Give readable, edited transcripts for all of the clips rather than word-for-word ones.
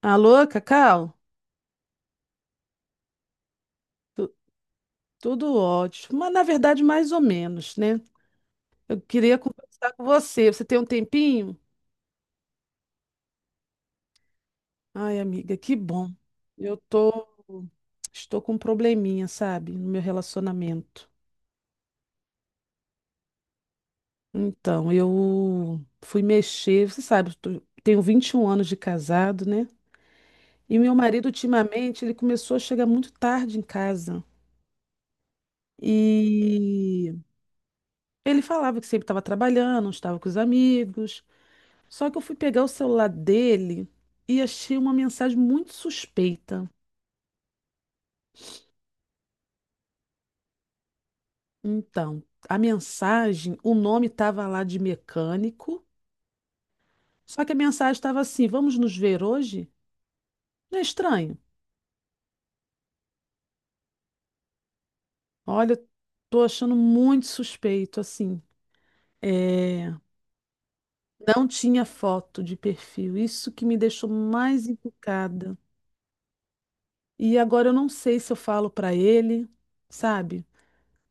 Alô, Cacau? Tu- Tudo ótimo, mas na verdade mais ou menos, né? Eu queria conversar com você. Você tem um tempinho? Ai, amiga, que bom. Eu tô, Estou com um probleminha, sabe, no meu relacionamento. Então, eu fui mexer, você sabe, tenho 21 anos de casado, né? E meu marido, ultimamente, ele começou a chegar muito tarde em casa. E ele falava que sempre estava trabalhando, não estava com os amigos. Só que eu fui pegar o celular dele e achei uma mensagem muito suspeita. Então, a mensagem, o nome estava lá de mecânico, só que a mensagem estava assim: vamos nos ver hoje? Não é estranho? Olha, tô achando muito suspeito, assim. É, não tinha foto de perfil, isso que me deixou mais encucada. E agora eu não sei se eu falo para ele, sabe?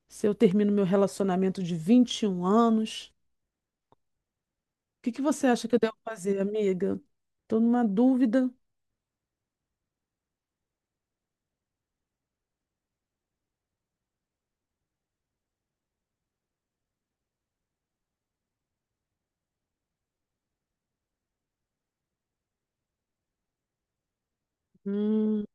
Se eu termino meu relacionamento de 21 anos. Que você acha que eu devo fazer, amiga? Tô numa dúvida. Hum,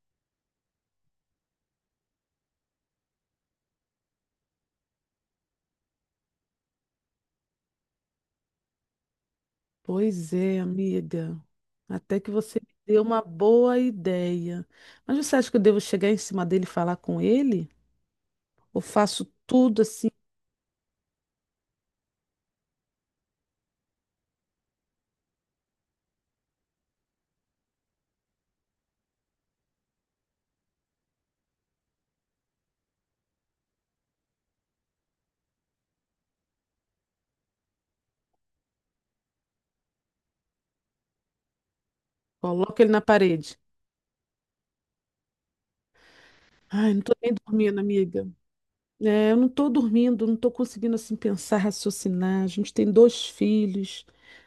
pois é, amiga. Até que você me deu uma boa ideia. Mas você acha que eu devo chegar em cima dele e falar com ele? Ou faço tudo assim, coloco ele na parede? Ai, não tô nem dormindo, amiga. É, eu não tô dormindo, não tô conseguindo assim pensar, raciocinar. A gente tem 2 filhos,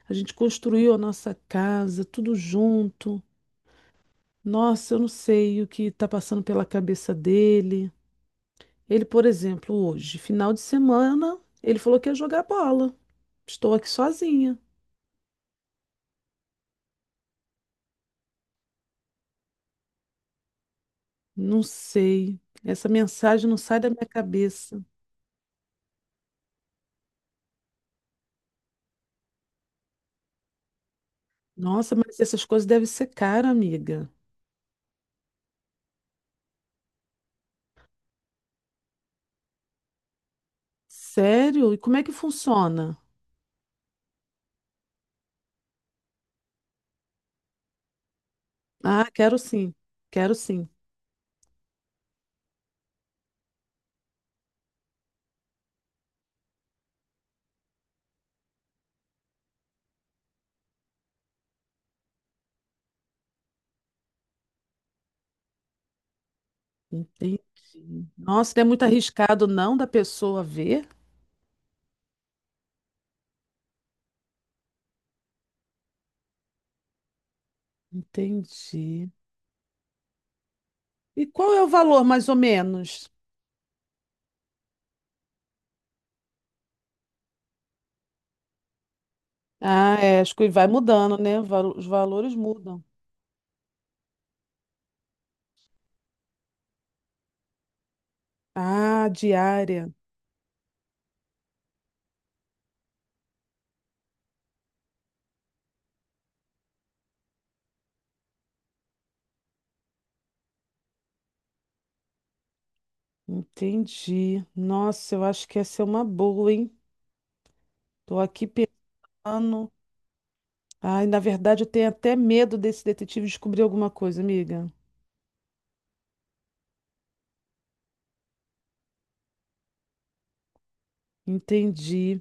a gente construiu a nossa casa, tudo junto. Nossa, eu não sei o que está passando pela cabeça dele. Ele, por exemplo, hoje, final de semana, ele falou que ia jogar bola. Estou aqui sozinha. Não sei. Essa mensagem não sai da minha cabeça. Nossa, mas essas coisas devem ser caras, amiga. Sério? E como é que funciona? Ah, quero sim. Quero sim. Entendi. Nossa, não é muito arriscado não da pessoa ver? Entendi. E qual é o valor, mais ou menos? Ah, é, acho que vai mudando, né? Os valores mudam. Ah, diária. Entendi. Nossa, eu acho que essa é uma boa, hein? Tô aqui pensando. Ai, na verdade, eu tenho até medo desse detetive descobrir alguma coisa, amiga. Entendi.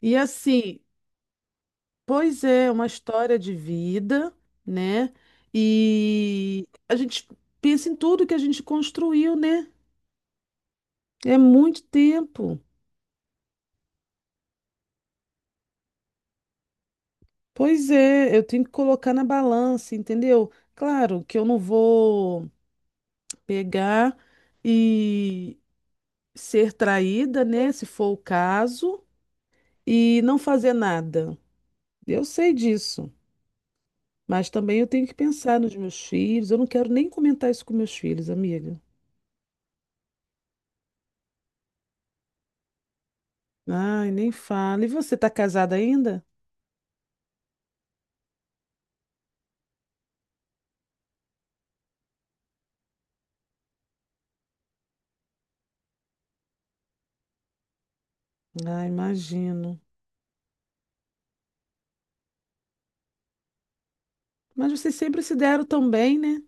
E assim, pois é, uma história de vida, né? E a gente pensa em tudo que a gente construiu, né? É muito tempo. Pois é, eu tenho que colocar na balança, entendeu? Claro que eu não vou pegar e ser traída, né, se for o caso, e não fazer nada. Eu sei disso, mas também eu tenho que pensar nos meus filhos. Eu não quero nem comentar isso com meus filhos, amiga. Ai, nem fala. E você tá casada ainda? Ah, imagino. Mas vocês sempre se deram tão bem, né?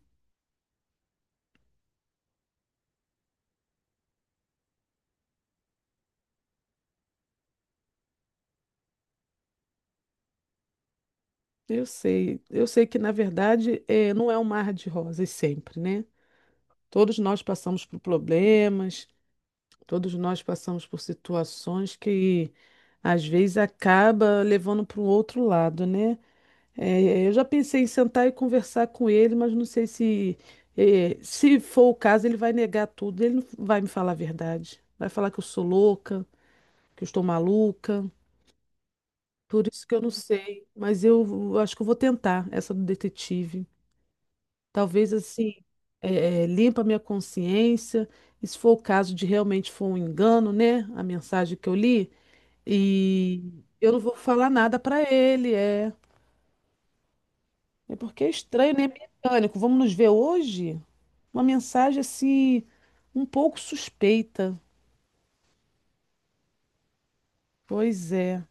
Eu sei. Eu sei que, na verdade, é, não é um mar de rosas sempre, né? Todos nós passamos por problemas, todos nós passamos por situações que às vezes acaba levando para um outro lado, né? Eu já pensei em sentar e conversar com ele, mas não sei se, é, se for o caso, ele vai negar tudo, ele não vai me falar a verdade. Vai falar que eu sou louca, que eu estou maluca. Por isso que eu não sei, mas eu acho que eu vou tentar essa do detetive. Talvez assim, limpa a minha consciência, e se for o caso de realmente for um engano, né? A mensagem que eu li, e eu não vou falar nada para ele, é. É porque é estranho, né? Mecânico. Vamos nos ver hoje? Uma mensagem assim, um pouco suspeita. Pois é.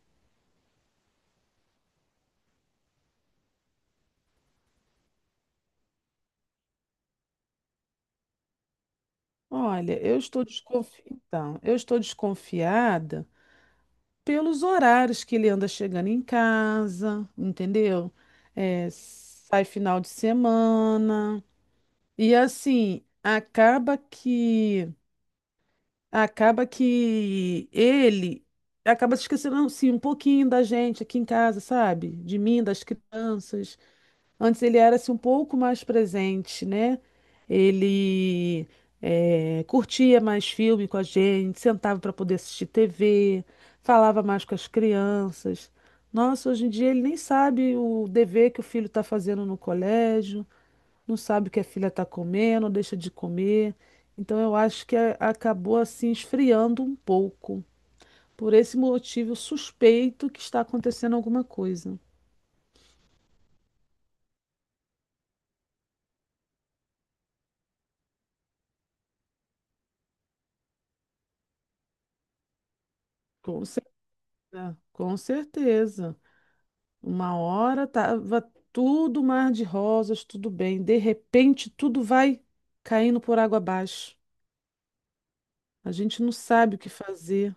Olha, eu estou desconfi... Então, eu estou desconfiada pelos horários que ele anda chegando em casa, entendeu? É, sai final de semana. E assim, acaba que ele acaba se esquecendo assim um pouquinho da gente aqui em casa, sabe? De mim, das crianças. Antes ele era assim, um pouco mais presente, né? Ele curtia mais filme com a gente, sentava para poder assistir TV, falava mais com as crianças. Nossa, hoje em dia ele nem sabe o dever que o filho está fazendo no colégio, não sabe o que a filha está comendo, deixa de comer. Então eu acho que acabou assim esfriando um pouco. Por esse motivo, eu suspeito que está acontecendo alguma coisa. Com certeza, com certeza. Uma hora tava tudo mar de rosas, tudo bem. De repente, tudo vai caindo por água abaixo. A gente não sabe o que fazer.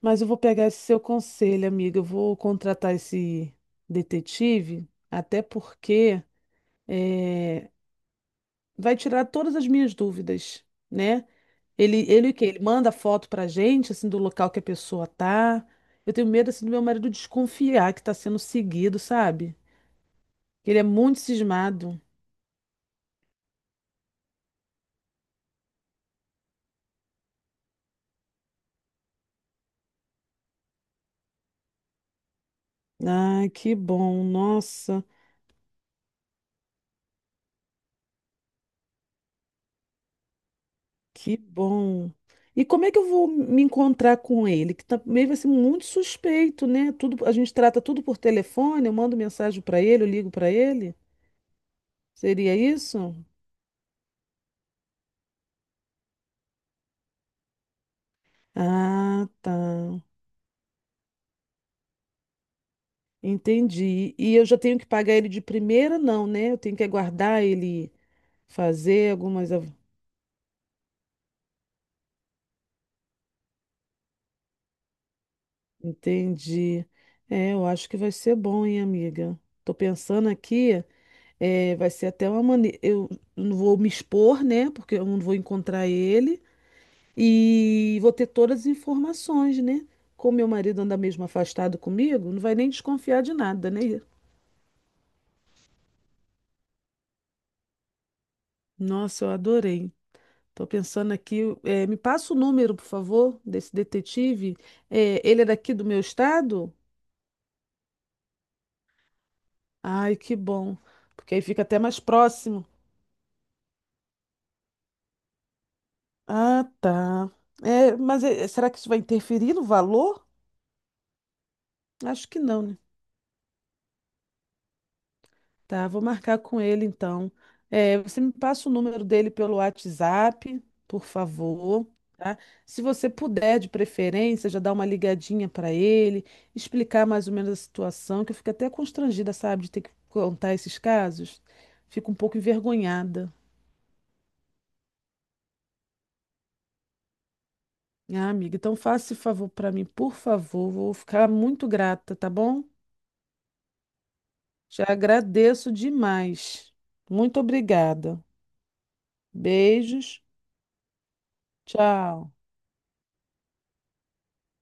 Mas eu vou pegar esse seu conselho, amiga. Eu vou contratar esse detetive, até porque eh, vai tirar todas as minhas dúvidas, né? Ele o quê? Ele manda foto pra gente, assim, do local que a pessoa tá. Eu tenho medo, assim, do meu marido desconfiar que tá sendo seguido, sabe? Ele é muito cismado. Ai, que bom, nossa, que bom. E como é que eu vou me encontrar com ele? Que também vai ser muito suspeito, né? Tudo, a gente trata tudo por telefone, eu mando mensagem para ele, eu ligo para ele. Seria isso? Ah, tá. Entendi. E eu já tenho que pagar ele de primeira, não, né? Eu tenho que aguardar ele fazer algumas. Entendi. É, eu acho que vai ser bom, hein, amiga? Tô pensando aqui. É, vai ser até uma maneira. Eu não vou me expor, né? Porque eu não vou encontrar ele. E vou ter todas as informações, né? Como meu marido anda mesmo afastado comigo, não vai nem desconfiar de nada, né? Nossa, eu adorei. Tô pensando aqui. É, me passa o número, por favor, desse detetive. É, ele é daqui do meu estado? Ai, que bom. Porque aí fica até mais próximo. Ah, tá. É, mas é, será que isso vai interferir no valor? Acho que não, né? Tá, vou marcar com ele então. É, você me passa o número dele pelo WhatsApp, por favor, tá? Se você puder, de preferência, já dar uma ligadinha para ele, explicar mais ou menos a situação, que eu fico até constrangida, sabe, de ter que contar esses casos. Fico um pouco envergonhada. Ah, amiga, então faça esse favor para mim, por favor. Vou ficar muito grata, tá bom? Já agradeço demais. Muito obrigada. Beijos. Tchau.